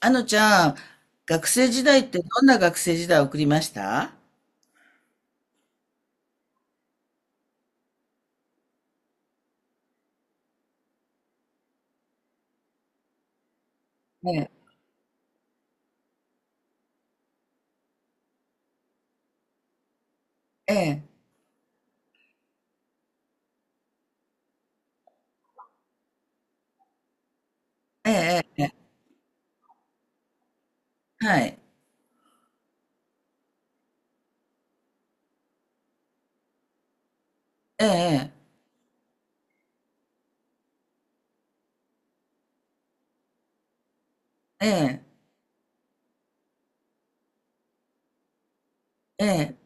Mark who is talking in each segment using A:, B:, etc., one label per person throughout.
A: あのちゃん、学生時代ってどんな学生時代を送りました？ええ、ええ、ええ、ええ。はい、ええ、ええ、ええ。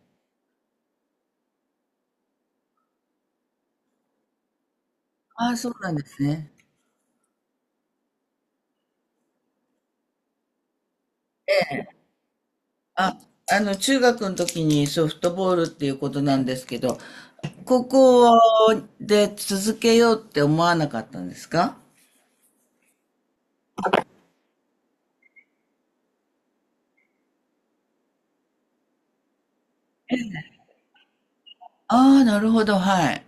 A: ああ、そうなんですね。あ、あの、中学の時にソフトボールっていうことなんですけど、高校で続けようって思わなかったんですか？ああ、なるほど、はい。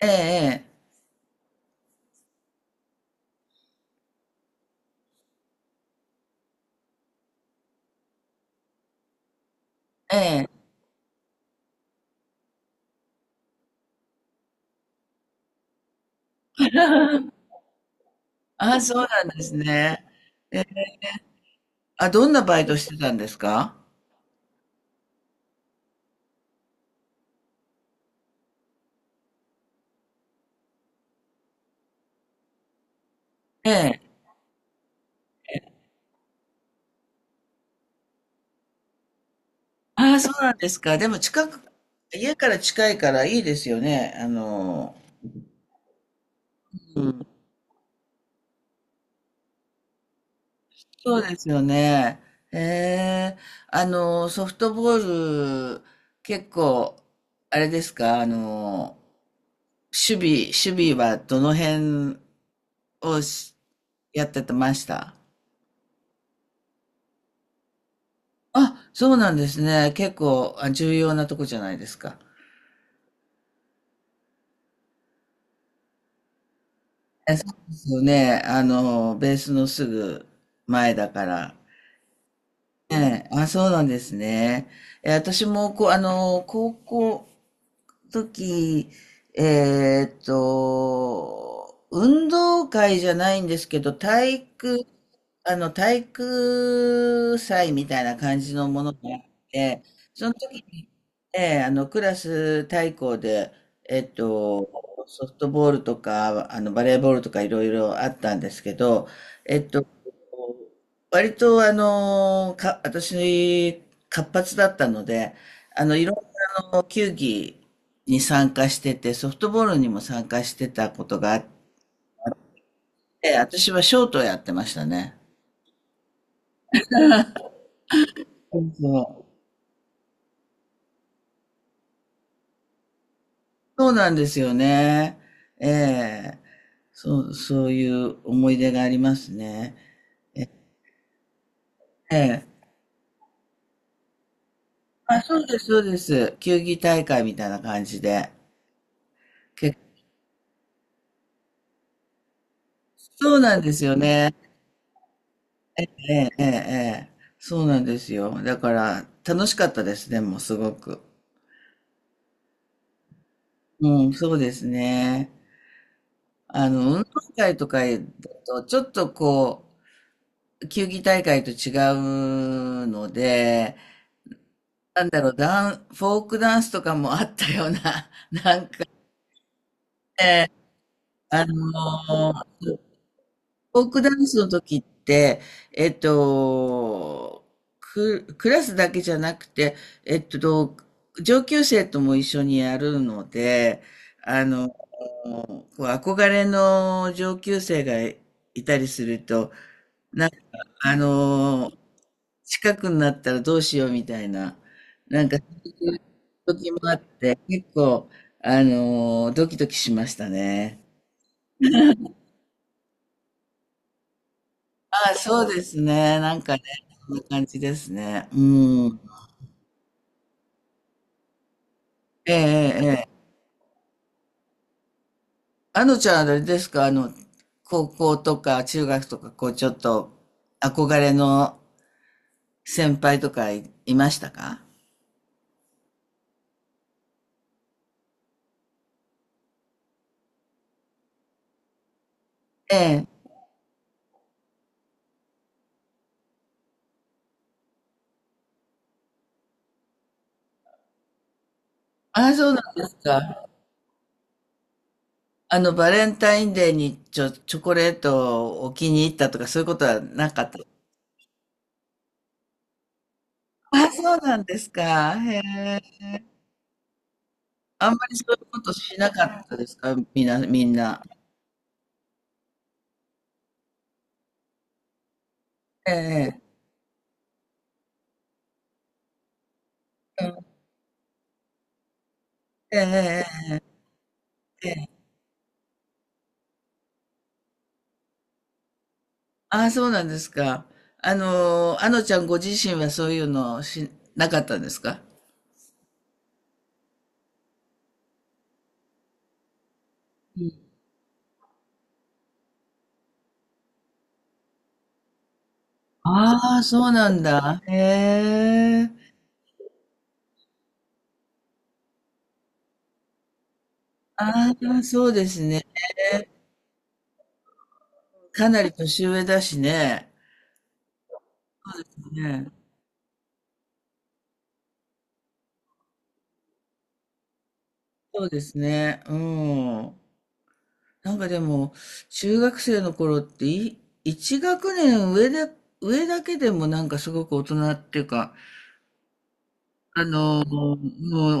A: ええ、ええ、ええ。ああ、そうなんですね。えあ、どんなバイトしてたんですか？ええ。ああ、そうなんですか。でも近く、家から近いからいいですよね。あの、うん。そうですよね。ええ、あの、ソフトボール、結構、あれですか、あの、守備、守備はどの辺をやっててました？あ、そうなんですね。結構、あ、重要なとこじゃないですか。え、そうですよね。あの、ベースのすぐ前だから。ええ、あ、そうなんですね。え、私も、こう、あの、高校の時、運動会じゃないんですけど、体育祭みたいな感じのものがあって、その時、ええ、あの、クラス対抗で、えっと、ソフトボールとか、あの、バレーボールとかいろいろあったんですけど、えっと、割と、あの、私、活発だったので、あの、いろんなあの球技に参加してて、ソフトボールにも参加してたことがあって、私はショートをやってましたね。そうそう。そうなんですよね。ええ。そう、そういう思い出がありますね。ええ、あ、そうです、そうです。球技大会みたいな感じで。けそうなんですよね。ええ、ええ、ええ。そうなんですよ。だから、楽しかったですね、もうすごく。うん、そうですね。あの、運動会とかだと、ちょっとこう、球技大会と違うので、なんだろう、フォークダンスとかもあったような、なんかね、あのーフォークダンスの時って、えっと、クラスだけじゃなくて、えっと、上級生とも一緒にやるので、あの、こう憧れの上級生がいたりすると、なんか、あの、近くになったらどうしようみたいな、なんか、そういう時もあって、結構、あの、ドキドキしましたね。ああ、そうですね。なんかね、そんな感じですね。うん。ええ、ええ、ええ。あのちゃんあれですか、あの、高校とか中学とか、こう、ちょっと憧れの先輩とかいましたか？ええ。ああ、そうなんですか。あの、バレンタインデーにチョコレートをお気に入ったとか、そういうことはなかった。ああ、そうなんですか。へえ。あんまりそういうことしなかったですか？みんな、みんな。ええ、ええ、ええ、ええ。ああ、そうなんですか。あの、あのちゃんご自身はそういうのなかったんですか？ああ、そうなんだ。へえ。ああ、そうですね。かなり年上だしね。ね。そうですね。うん。なんかでも、中学生の頃ってい、一学年上で、上だけでもなんかすごく大人っていうか、あの、も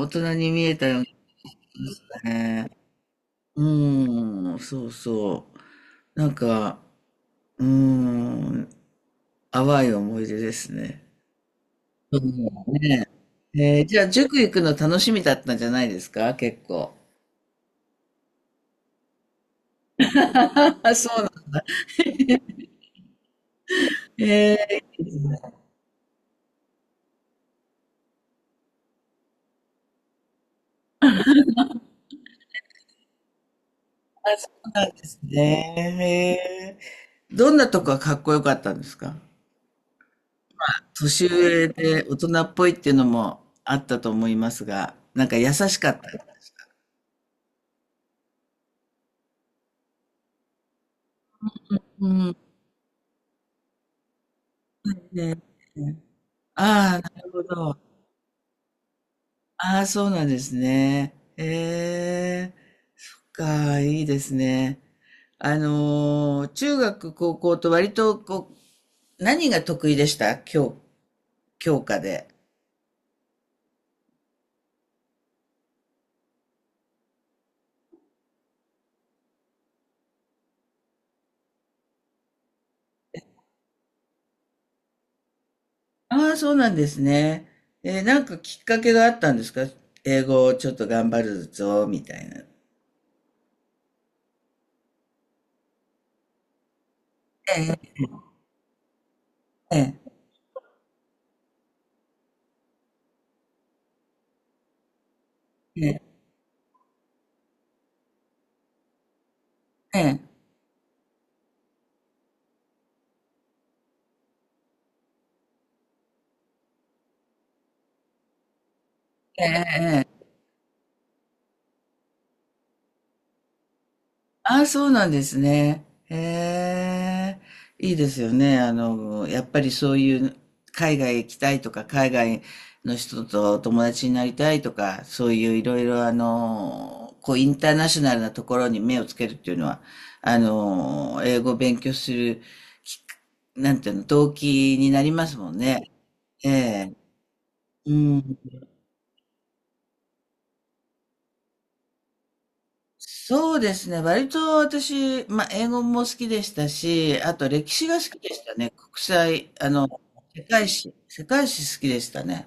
A: う大人に見えたような気がするね。うーん、そうそう。なんか、うーん、淡い思い出ですね。そうね。じゃあ、塾行くの楽しみだったんじゃないですか結構？そうなん、えー、そうなんですね。へー、どんなとこがかっこよかったんですか？年上で大人っぽいっていうのもあったと思いますが、なんか優しかったですか。うん。ね、ああ、なるほど。ああ、そうなんですね。ええ、そっか、いいですね。中学、高校と割と、こう、何が得意でした？教科で。ああ、そうなんですね。なんかきっかけがあったんですか？英語をちょっと頑張るぞ、みたいな。ええ、ええ、ええ、ええ。ああ、そうなんですね。へえ、いいですよね。あの、やっぱりそういう海外行きたいとか、海外の人と友達になりたいとか、そういういろいろあの、こうインターナショナルなところに目をつけるっていうのは、あの、英語を勉強するきっか、なんていうの、動機になりますもんね。ええ、うん。そうですね。割と私、まあ、英語も好きでしたし、あと歴史が好きでしたね。国際、あの、世界史、世界史好きでしたね。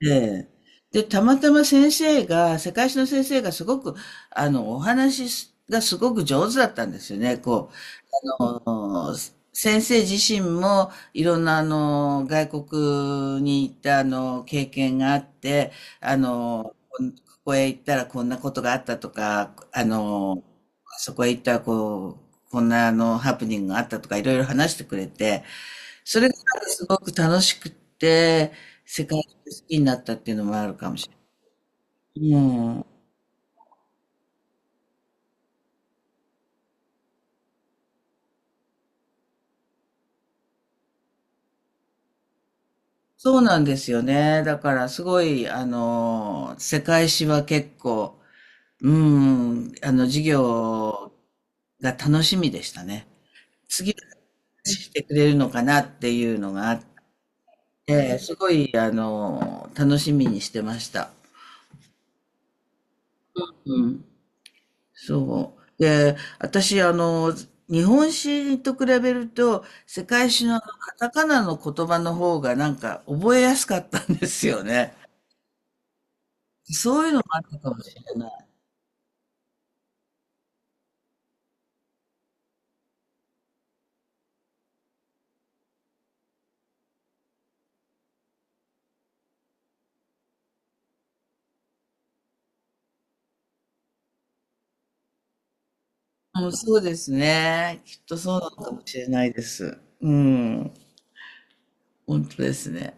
A: ええ。で、たまたま先生が、世界史の先生がすごく、あの、お話がすごく上手だったんですよね。あの先生自身もいろんなあの外国に行ったあの経験があって、あの、ここへ行ったらこんなことがあったとか、あの、そこへ行ったらこうこんなあのハプニングがあったとか、いろいろ話してくれて、それがすごく楽しくって、世界中好きになったっていうのもあるかもしれない。うん、そうなんですよね。だからすごいあの世界史は結構、うーん、あの、授業が楽しみでしたね。次、してくれるのかなっていうのがあって、すごい、あの、楽しみにしてました。うん。そう。で、私、あの、日本史と比べると、世界史のあのカタカナの言葉の方がなんか覚えやすかったんですよね。そういうのもあったかもしれない。うん、そうですね。きっとそうなのかもしれないです。うん。本当ですね。